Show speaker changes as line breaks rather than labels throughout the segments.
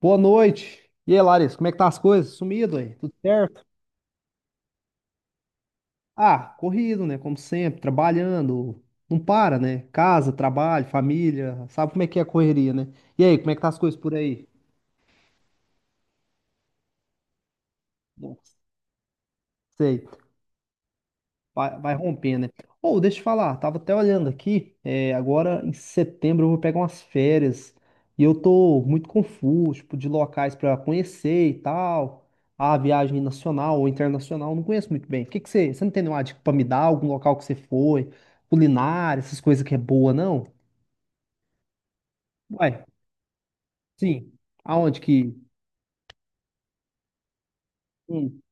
Boa noite. E aí, Larissa, como é que tá as coisas? Sumido aí? Tudo certo? Ah, corrido, né? Como sempre, trabalhando. Não para, né? Casa, trabalho, família. Sabe como é que é a correria, né? E aí, como é que tá as coisas por aí? Não sei. Vai romper, né? Ou deixa eu falar, tava até olhando aqui, agora em setembro eu vou pegar umas férias e eu tô muito confuso, tipo, de locais pra conhecer e tal. A viagem nacional ou internacional, eu não conheço muito bem. O que que você não tem nenhuma dica pra me dar? Algum local que você foi, culinária, essas coisas que é boa, não? Ué, sim. Aonde que? Hum.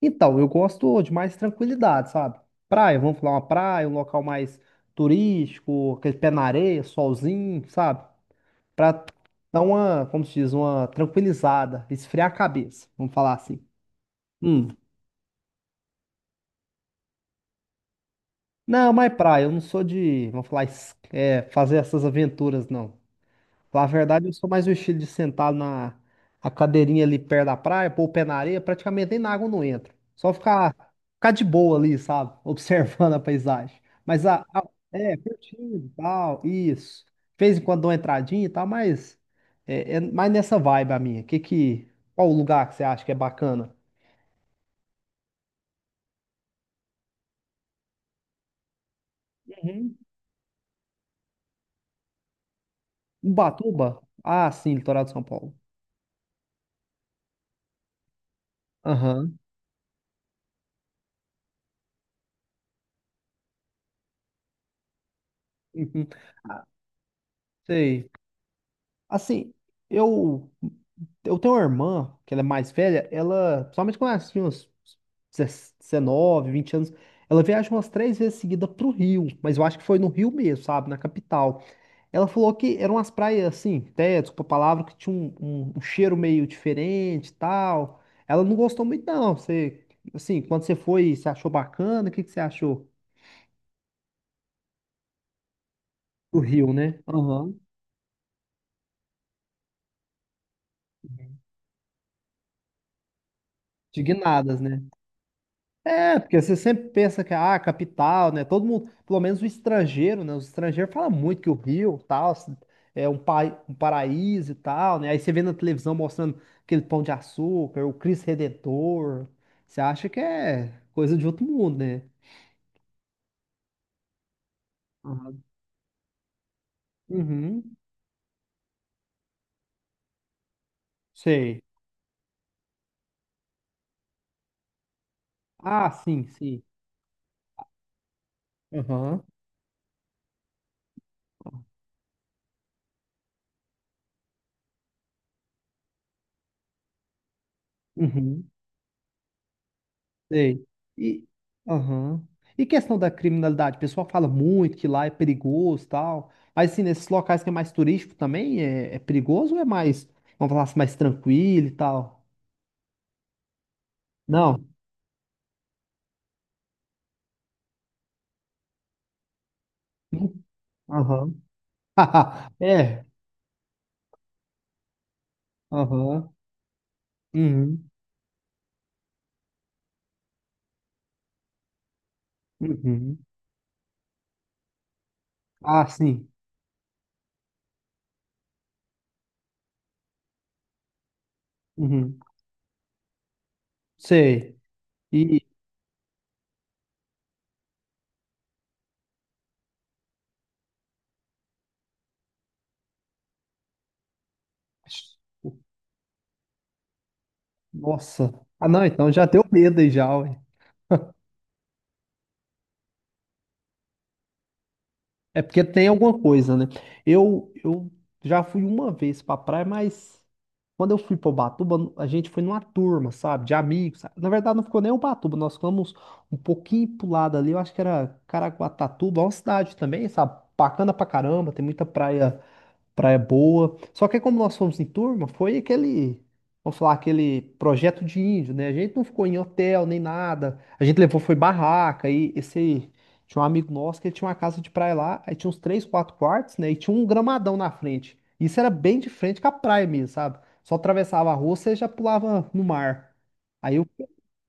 Então, eu gosto de mais tranquilidade, sabe? Praia, vamos falar uma praia, um local mais turístico, aquele pé na areia, solzinho, sabe? Pra dar uma, como se diz, uma tranquilizada, esfriar a cabeça, vamos falar assim. Hum. Não, mas praia, eu não sou de, vamos falar, fazer essas aventuras, não. Na verdade, eu sou mais o estilo de sentar na a cadeirinha ali perto da praia, pôr o pé na areia, praticamente nem na água eu não entro. Só ficar de boa ali, sabe? Observando a paisagem. Mas a, a- É, curtindo e tal, isso. De vez em quando dou uma entradinha e tal, mas é mais nessa vibe a minha. Qual o lugar que você acha que é bacana? Uhum. Ubatuba? Ah, sim, litoral de São Paulo. Aham. Uhum. Ah, sei. Assim, eu, eu tenho uma irmã, que ela é mais velha, ela, principalmente quando ela tinha uns 19, 20 anos, ela viaja umas três vezes seguida pro Rio, mas eu acho que foi no Rio mesmo, sabe, na capital. Ela falou que eram umas praias, assim, até, desculpa a palavra, que tinha um cheiro meio diferente e tal. Ela não gostou muito, não. Você, assim, quando você foi, você achou bacana? O que que você achou do Rio, né? Aham. Indignadas, né? É, porque você sempre pensa que ah, capital, né? Todo mundo, pelo menos o estrangeiro, né? Os estrangeiros falam muito que o Rio, tal, assim, é um paraíso e tal, né? Aí você vê na televisão mostrando aquele pão de açúcar, o Cristo Redentor. Você acha que é coisa de outro mundo, né? Uhum. Uhum. Sei. Ah, sim, sim. Aham. Uhum. Sei. E, aham. E questão da criminalidade? O pessoal fala muito que lá é perigoso e tal. Mas assim, nesses locais que é mais turístico também, é perigoso ou é mais, vamos falar assim, mais tranquilo e tal? Não. Hum, aham. É. Aham. Uhum. Uhum. Ah, sim. Uhum. Sei. E. Nossa. Ah, não, então já deu medo aí já, ué. É porque tem alguma coisa, né? Eu já fui uma vez pra praia, mas quando eu fui pra Ubatuba, a gente foi numa turma, sabe? De amigos. Sabe? Na verdade, não ficou nem Ubatuba, nós ficamos um pouquinho pro lado ali, eu acho que era Caraguatatuba, é uma cidade também, sabe? Bacana pra caramba, tem muita praia boa. Só que como nós fomos em turma, foi aquele, vamos falar, aquele projeto de índio, né? A gente não ficou em hotel nem nada. A gente levou, foi barraca. E esse, tinha um amigo nosso que ele tinha uma casa de praia lá, aí tinha uns três, quatro quartos, né? E tinha um gramadão na frente. Isso era bem de frente com a praia mesmo, sabe? Só atravessava a rua, você já pulava no mar. Aí eu,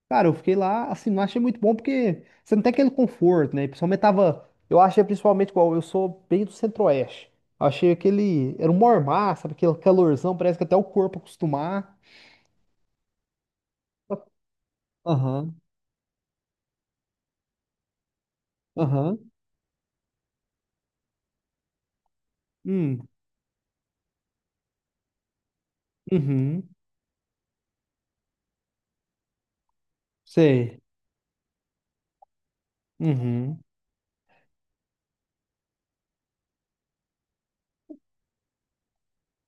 Cara, eu fiquei lá, assim, não achei muito bom porque você não tem aquele conforto, né? Principalmente tava. Eu achei principalmente igual, eu sou bem do centro-oeste. Achei aquele. Era um mormaço, sabe? Aquele calorzão, parece que até o corpo acostumar. Aham, aham. Hum, uhum, sei. Uhum.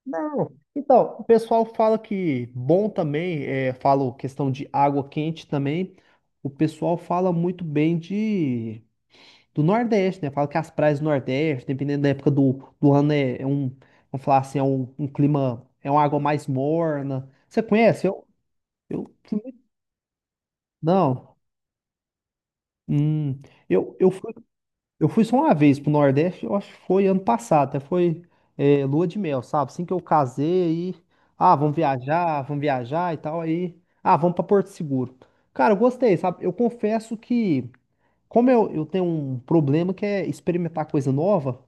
Não. Então, o pessoal fala que bom também, falo questão de água quente também. O pessoal fala muito bem de. Do Nordeste, né? Fala que as praias do Nordeste, dependendo da época do ano, vamos falar assim, é um clima, é uma água mais morna. Você conhece? Eu fui não. Hum, eu, eu fui, eu fui só uma vez pro Nordeste, eu acho que foi ano passado, lua de mel, sabe? Assim que eu casei, aí, ah, vamos viajar e tal, aí, ah, vamos pra Porto Seguro. Cara, eu gostei, sabe? Eu confesso que como eu tenho um problema que é experimentar coisa nova,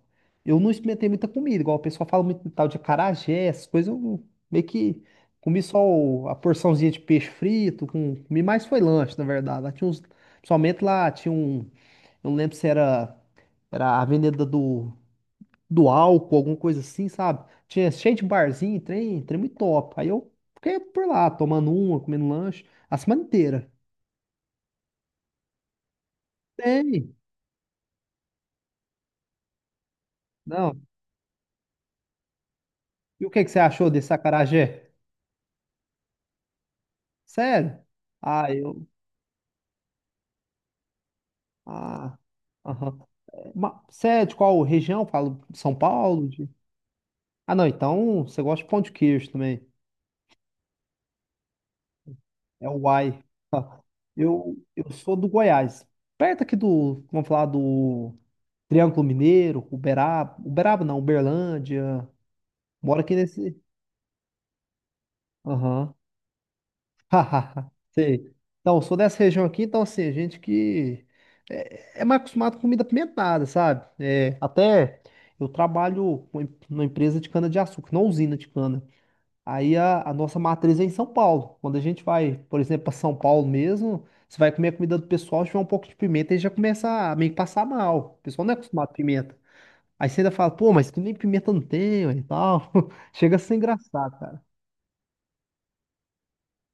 eu não experimentei muita comida, igual o pessoal fala muito de tal de acarajé, essas coisas, eu não- meio que comi só a porçãozinha de peixe frito, comi mais foi lanche, na verdade. Principalmente lá tinha um, eu não lembro se era, era a venda do álcool, alguma coisa assim, sabe? Tinha cheio de barzinho, trem muito top. Aí eu fiquei por lá, tomando uma, comendo lanche, a semana inteira. Tem, não. E o que que você achou desse acarajé? Sério? Ah, eu. Ah. Aham. Você é de qual região? Falo de São Paulo? De- Ah, não, então você gosta de pão de queijo também. É o uai. Ah, eu sou do Goiás. Perto aqui do. Vamos falar do Triângulo Mineiro, Uberaba. Uberaba não, Uberlândia. Moro aqui nesse. Aham. Hahaha, sei. Então, eu sou dessa região aqui, então, assim, a gente que é mais acostumado com comida apimentada, sabe? É, até eu trabalho com numa empresa de cana-de-açúcar, numa usina de cana. Aí a nossa matriz é em São Paulo. Quando a gente vai, por exemplo, para São Paulo mesmo, você vai comer a comida do pessoal, tiver um pouco de pimenta e já começa a meio que passar mal. O pessoal não é acostumado com pimenta. Aí você ainda fala, pô, mas que nem pimenta não tem, ué, e tal. Chega a ser engraçado, cara.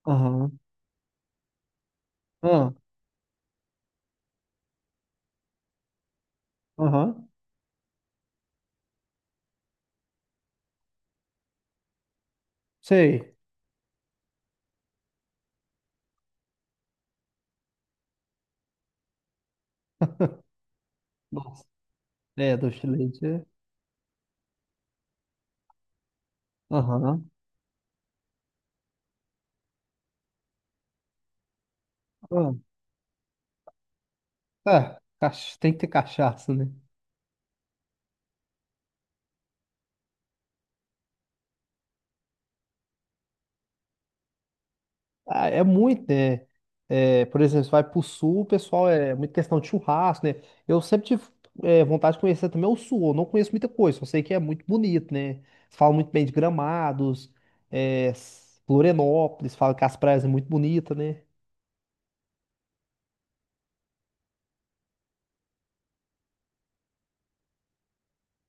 Aham. Ah, aham. Sei. É, doce de leite, é. Aham. Ah, tem que ter cachaça, né? Ah, é muito, né? É, por exemplo, você vai pro sul, o pessoal é muito questão de churrasco, né? Eu sempre tive vontade de conhecer também o sul. Eu não conheço muita coisa, só sei que é muito bonito, né? Falam muito bem de Gramados, Florianópolis, falam que as praias é muito bonita, né?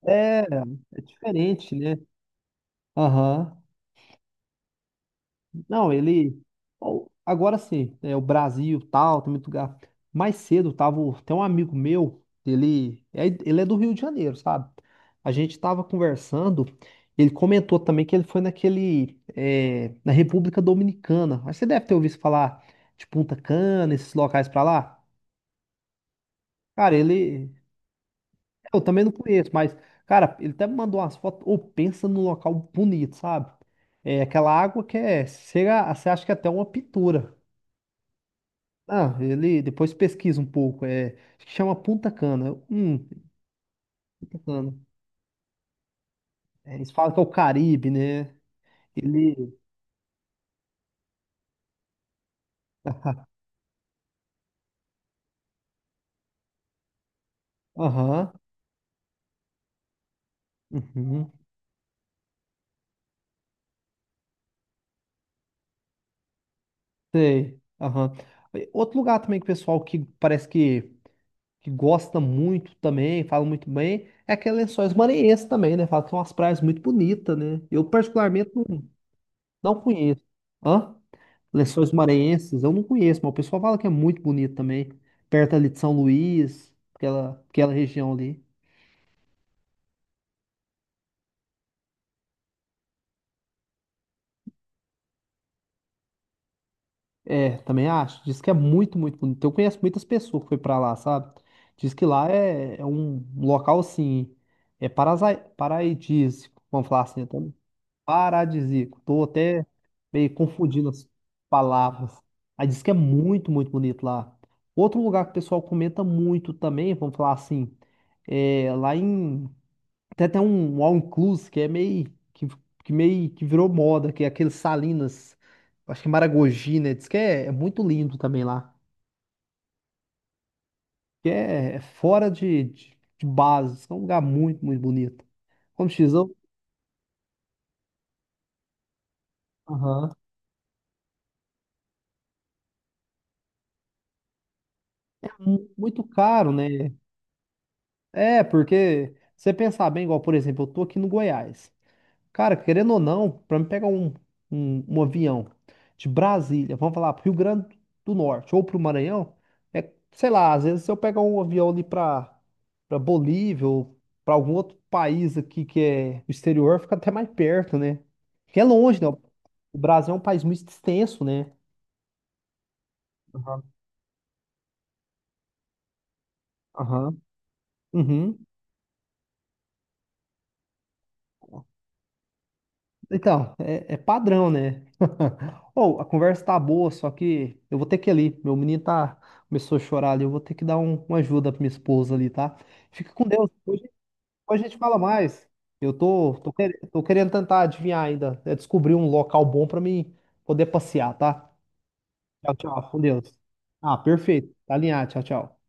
É, é diferente, né? Aham. Não, ele. Ó, agora sim, é o Brasil tal, tem muito lugar. Mais cedo tava. Tem um amigo meu, ele é do Rio de Janeiro, sabe? A gente tava conversando, ele comentou também que ele foi naquele. É, na República Dominicana. Mas você deve ter ouvido falar de Punta Cana, esses locais pra lá. Cara, ele. Eu também não conheço, mas, cara, ele até me mandou umas fotos. Ou pensa num local bonito, sabe? É aquela água que é. Chega, você acha que é até uma pintura. Ah, ele depois pesquisa um pouco. É, acho que chama Punta Cana. Punta Cana. É, eles falam que é o Caribe, né? Ele. Aham. Uhum. Sei. Aham. E outro lugar também que o pessoal que parece que gosta muito também, fala muito bem, é aquele Lençóis Maranhenses também, né? Fala que são umas praias muito bonitas, né? Eu particularmente não, não conheço. Hã? Lençóis Maranhenses, eu não conheço, mas o pessoal fala que é muito bonito também. Perto ali de São Luís, aquela região ali. É, também acho. Diz que é muito, muito bonito. Eu conheço muitas pessoas que foi pra lá, sabe? Diz que lá é, é um local assim, paradisíaco, vamos falar assim, então, paradisíaco. Tô até meio confundindo as palavras. Aí diz que é muito, muito bonito lá. Outro lugar que o pessoal comenta muito também, vamos falar assim, é lá em tem até um all-inclusive que é que, que meio que virou moda, que é aquele Salinas, acho que é Maragogi, né? Diz que é, é muito lindo também lá. Que é, é fora de base, diz que é um lugar muito, muito bonito. Como diz, eu- Aham. Muito caro, né? É, porque você pensar bem, igual, por exemplo, eu tô aqui no Goiás. Cara, querendo ou não, para me pegar um avião de Brasília, vamos falar pro Rio Grande do Norte ou pro Maranhão, é, sei lá, às vezes se eu pegar um avião ali pra para Bolívia ou pra algum outro país aqui que é o exterior, fica até mais perto, né? Que é longe, né? O Brasil é um país muito extenso, né? Aham. Aham. Uhum. Então, é, é padrão, né? Ou a conversa tá boa, só que eu vou ter que ir ali. Meu menino tá começou a chorar ali. Eu vou ter que dar uma ajuda pra minha esposa ali, tá? Fica com Deus. Hoje, a gente fala mais. Eu tô, tô, quer- Tô querendo tentar adivinhar ainda, é descobrir um local bom pra mim poder passear, tá? Tchau, tchau. Com Deus. Ah, perfeito. Tá alinhado. Tchau, tchau.